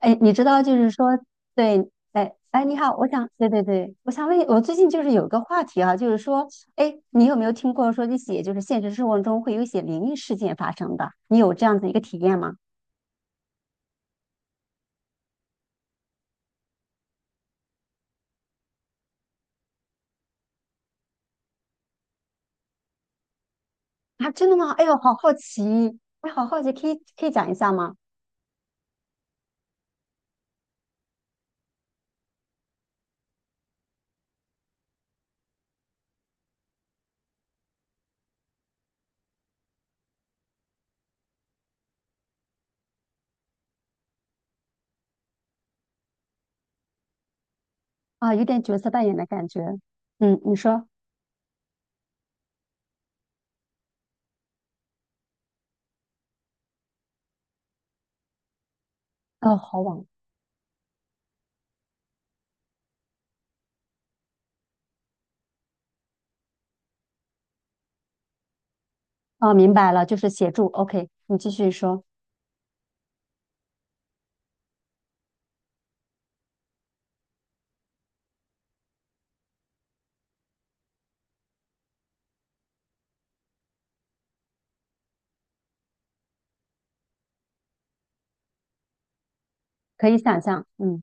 哎，你知道，就是说，对，哎，你好，我想，对，我想问你，我最近就是有个话题啊，就是说，哎，你有没有听过说一些就是现实生活中会有一些灵异事件发生的？你有这样子一个体验吗？啊，真的吗？哎呦，好好奇，哎，好好奇，可以讲一下吗？啊，有点角色扮演的感觉。嗯，你说，哦，好网，哦，明白了，就是协助。OK，你继续说，可以想象，嗯，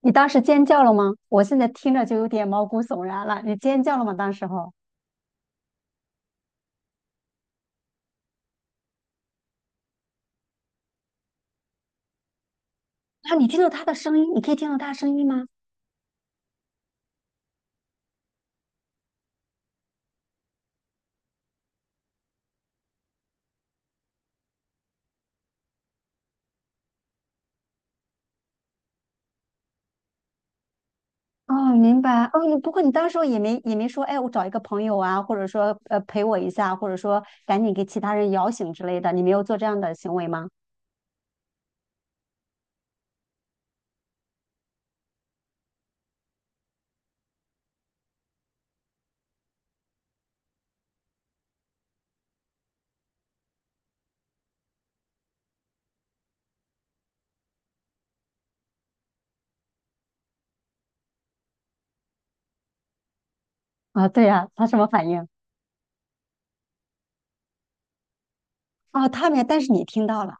你当时尖叫了吗？我现在听着就有点毛骨悚然了，你尖叫了吗？当时候？啊，你听到他的声音，你可以听到他的声音吗？哦，明白。哦，你不过你当时候也没说，哎，我找一个朋友啊，或者说陪我一下，或者说赶紧给其他人摇醒之类的，你没有做这样的行为吗？啊，对呀，他什么反应？哦，他没，但是你听到了。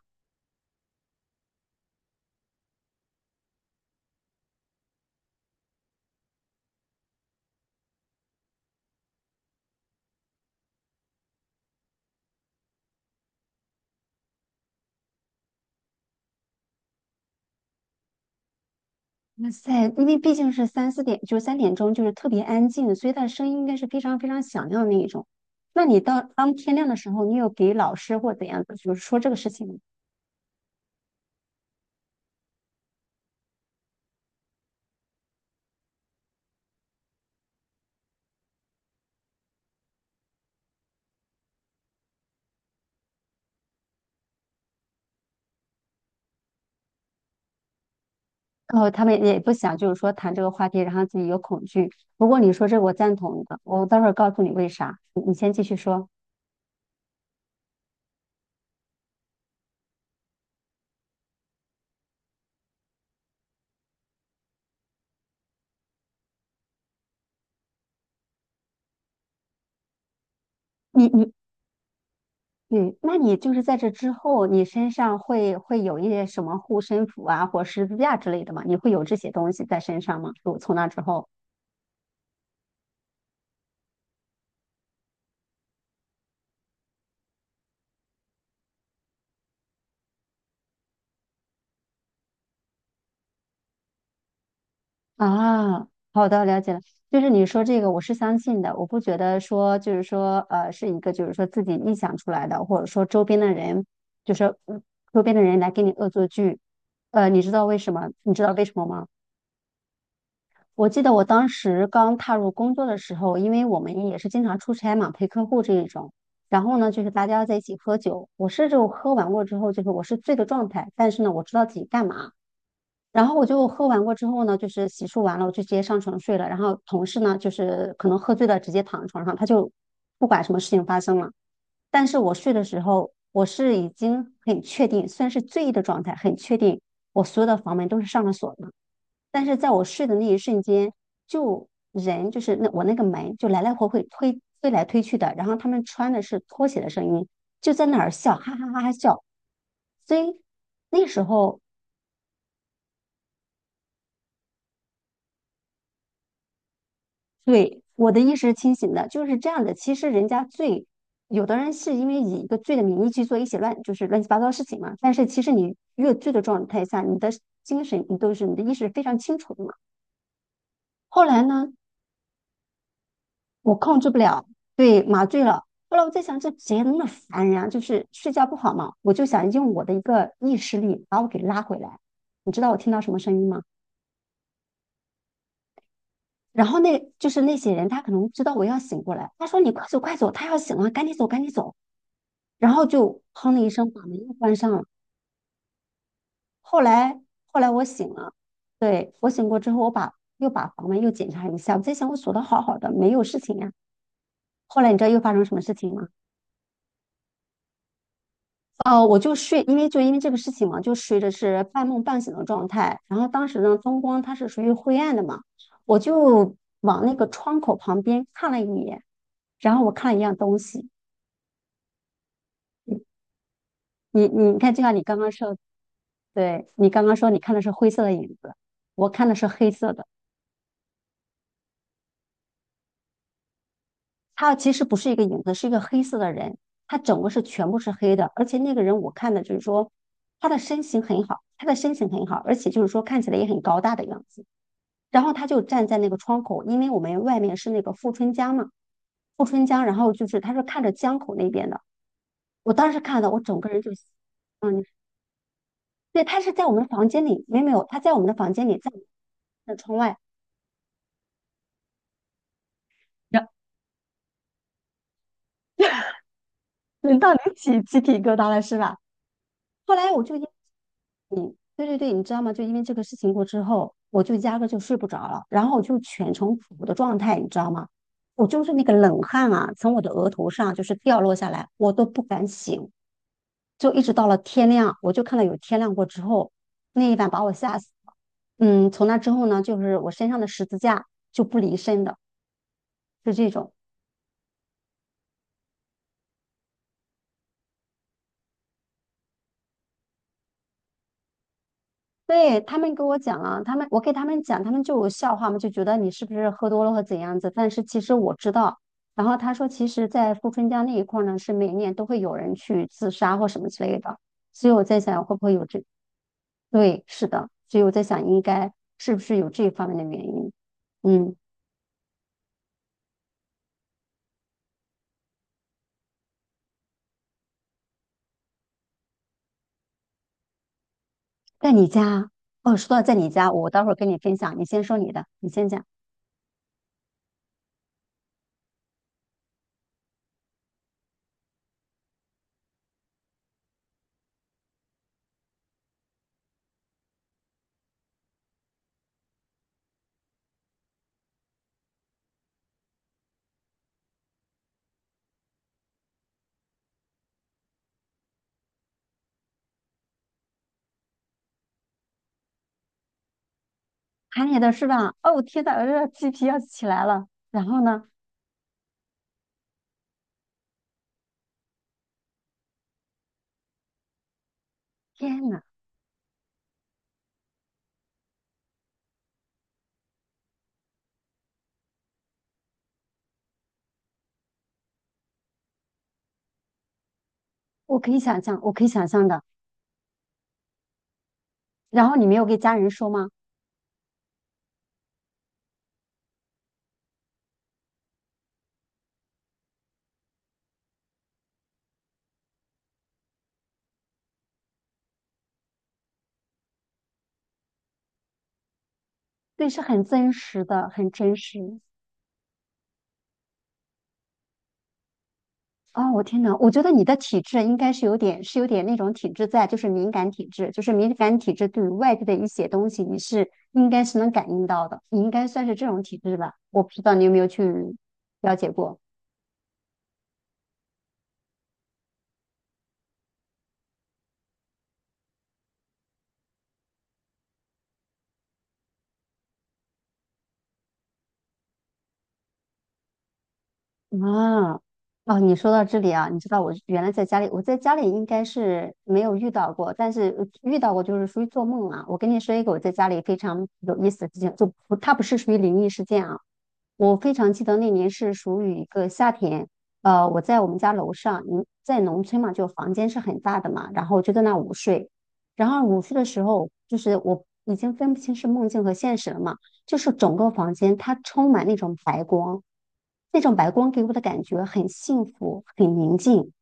哇塞，因为毕竟是三四点，就是三点钟，就是特别安静，所以他的声音应该是非常非常响亮的那一种。那你到当天亮的时候，你有给老师或怎样的，就是说这个事情吗？然后他们也不想，就是说谈这个话题，然后自己有恐惧。不过你说这个我赞同的，我待会儿告诉你为啥。你先继续说，你你你，那你就是在这之后，你身上会有一些什么护身符啊，或十字架之类的吗？你会有这些东西在身上吗？就从那之后。啊，好的，了解了。就是你说这个，我是相信的，我不觉得说就是说是一个就是说自己臆想出来的，或者说周边的人，就是嗯周边的人来给你恶作剧。你知道为什么？你知道为什么吗？我记得我当时刚踏入工作的时候，因为我们也是经常出差嘛，陪客户这一种。然后呢，就是大家在一起喝酒，我是就喝完过之后，就是我是醉的状态，但是呢，我知道自己干嘛。然后我就喝完过之后呢，就是洗漱完了，我就直接上床睡了。然后同事呢，就是可能喝醉了，直接躺在床上，他就不管什么事情发生了。但是我睡的时候，我是已经很确定，虽然是醉意的状态，很确定我所有的房门都是上了锁的。但是在我睡的那一瞬间，就人就是那我那个门就来来回回推来推去的，然后他们穿的是拖鞋的声音，就在那儿笑，哈哈哈哈笑。所以那时候对，我的意识是清醒的，就是这样的。其实人家罪，有的人是因为以一个醉的名义去做一些乱，就是乱七八糟的事情嘛。但是其实你越醉的状态下，你的精神你都是你的意识是非常清楚的嘛。后来呢，我控制不了，对，麻醉了。后来我在想，这谁那么烦人啊？就是睡觉不好嘛，我就想用我的一个意识力把我给拉回来。你知道我听到什么声音吗？然后那就是那些人，他可能知道我要醒过来，他说：“你快走，快走，他要醒了，赶紧走，赶紧走。”然后就砰的一声把门又关上了。后来后来我醒了，对，我醒过之后，我把又把房门又检查一下，我在想我锁的好好的，没有事情呀。后来你知道又发生什么事情吗？哦，我就睡，因为就因为这个事情嘛，就睡的是半梦半醒的状态。然后当时呢，灯光它是属于灰暗的嘛，我就往那个窗口旁边看了一眼，然后我看了一样东西。你你看，就像你刚刚说，对，你刚刚说你看的是灰色的影子，我看的是黑色的。他其实不是一个影子，是一个黑色的人，他整个是全部是黑的，而且那个人我看的就是说他的身形很好，他的身形很好，而且就是说看起来也很高大的样子。然后他就站在那个窗口，因为我们外面是那个富春江嘛，富春江，然后就是他是看着江口那边的。我当时看到我整个人就，嗯，对，他是在我们房间里，没有，他在我们的房间里，在那窗外，轮到你起鸡皮疙瘩了是吧？后来我就嗯，对对对，你知道吗？就因为这个事情过之后，我就压根就睡不着了，然后我就全程苦的状态，你知道吗？我就是那个冷汗啊，从我的额头上就是掉落下来，我都不敢醒，就一直到了天亮，我就看到有天亮过之后，那一晚把我吓死了。嗯，从那之后呢，就是我身上的十字架就不离身的，就这种。对，他们跟我讲啊，他们我给他们讲，他们就有笑话嘛，就觉得你是不是喝多了或怎样子。但是其实我知道，然后他说，其实，在富春江那一块儿呢，是每年都会有人去自杀或什么之类的。所以我在想，会不会有这？对，是的，所以我在想，应该是不是有这方面的原因？嗯，在你家哦，说到在你家，我待会儿跟你分享，你先说你的，你先讲，喊你的是吧？哦，天呐，我这鸡皮要起来了。然后呢？天我可以想象，我可以想象的。然后你没有给家人说吗？对，是很真实的，很真实。哦，我天呐，我觉得你的体质应该是有点，是有点那种体质在，就是敏感体质，就是敏感体质对于外界的一些东西，你是应该是能感应到的，你应该算是这种体质吧？我不知道你有没有去了解过。啊，哦，你说到这里啊，你知道我原来在家里，我在家里应该是没有遇到过，但是遇到过就是属于做梦啊。我跟你说一个我在家里非常有意思的事情，就不，它不是属于灵异事件啊。我非常记得那年是属于一个夏天，我在我们家楼上，你在农村嘛，就房间是很大的嘛，然后我就在那午睡，然后午睡的时候，就是我已经分不清是梦境和现实了嘛。就是整个房间它充满那种白光，那种白光给我的感觉很幸福，很宁静。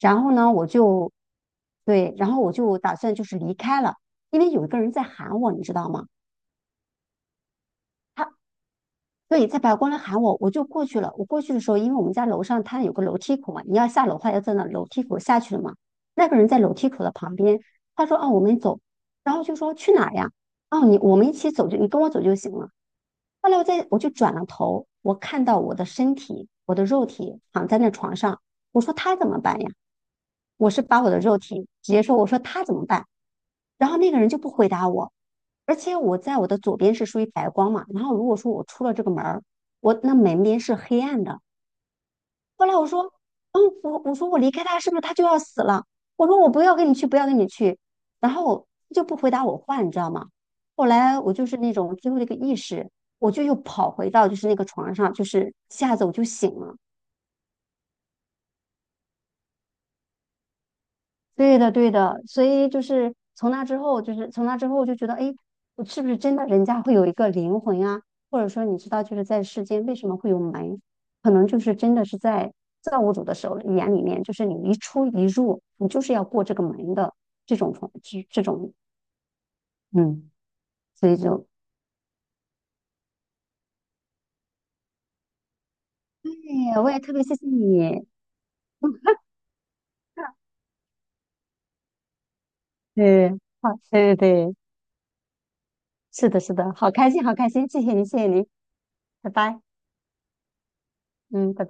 然后呢，我就对，然后我就打算就是离开了，因为有一个人在喊我，你知道吗？对，在百货公司喊我，我就过去了。我过去的时候，因为我们家楼上它有个楼梯口嘛，你要下楼的话要在那楼梯口下去了嘛。那个人在楼梯口的旁边，他说：“哦，我们走。”然后就说：“去哪儿呀？”哦，你我们一起走就你跟我走就行了。后来我在我就转了头，我看到我的身体，我的肉体躺在那床上，我说他怎么办呀？我是把我的肉体直接说，我说他怎么办？然后那个人就不回答我，而且我在我的左边是属于白光嘛，然后如果说我出了这个门儿，我那门边是黑暗的。后来我说，嗯，我我说我离开他是不是他就要死了？我说我不要跟你去，不要跟你去，然后他就不回答我话，你知道吗？后来我就是那种最后的一个意识，我就又跑回到就是那个床上，就是一下子我就醒了。对的，对的，所以就是从那之后，就是从那之后，我就觉得，哎，我是不是真的人家会有一个灵魂啊？或者说，你知道，就是在世间为什么会有门，可能就是真的是在造物主的手里眼里面，就是你一出一入，你就是要过这个门的这种方这这种，嗯，所以就，哎，我也特别谢谢你，对，好，对对对，是的，是的，好开心，好开心，谢谢您，谢谢您，拜拜，嗯，拜拜。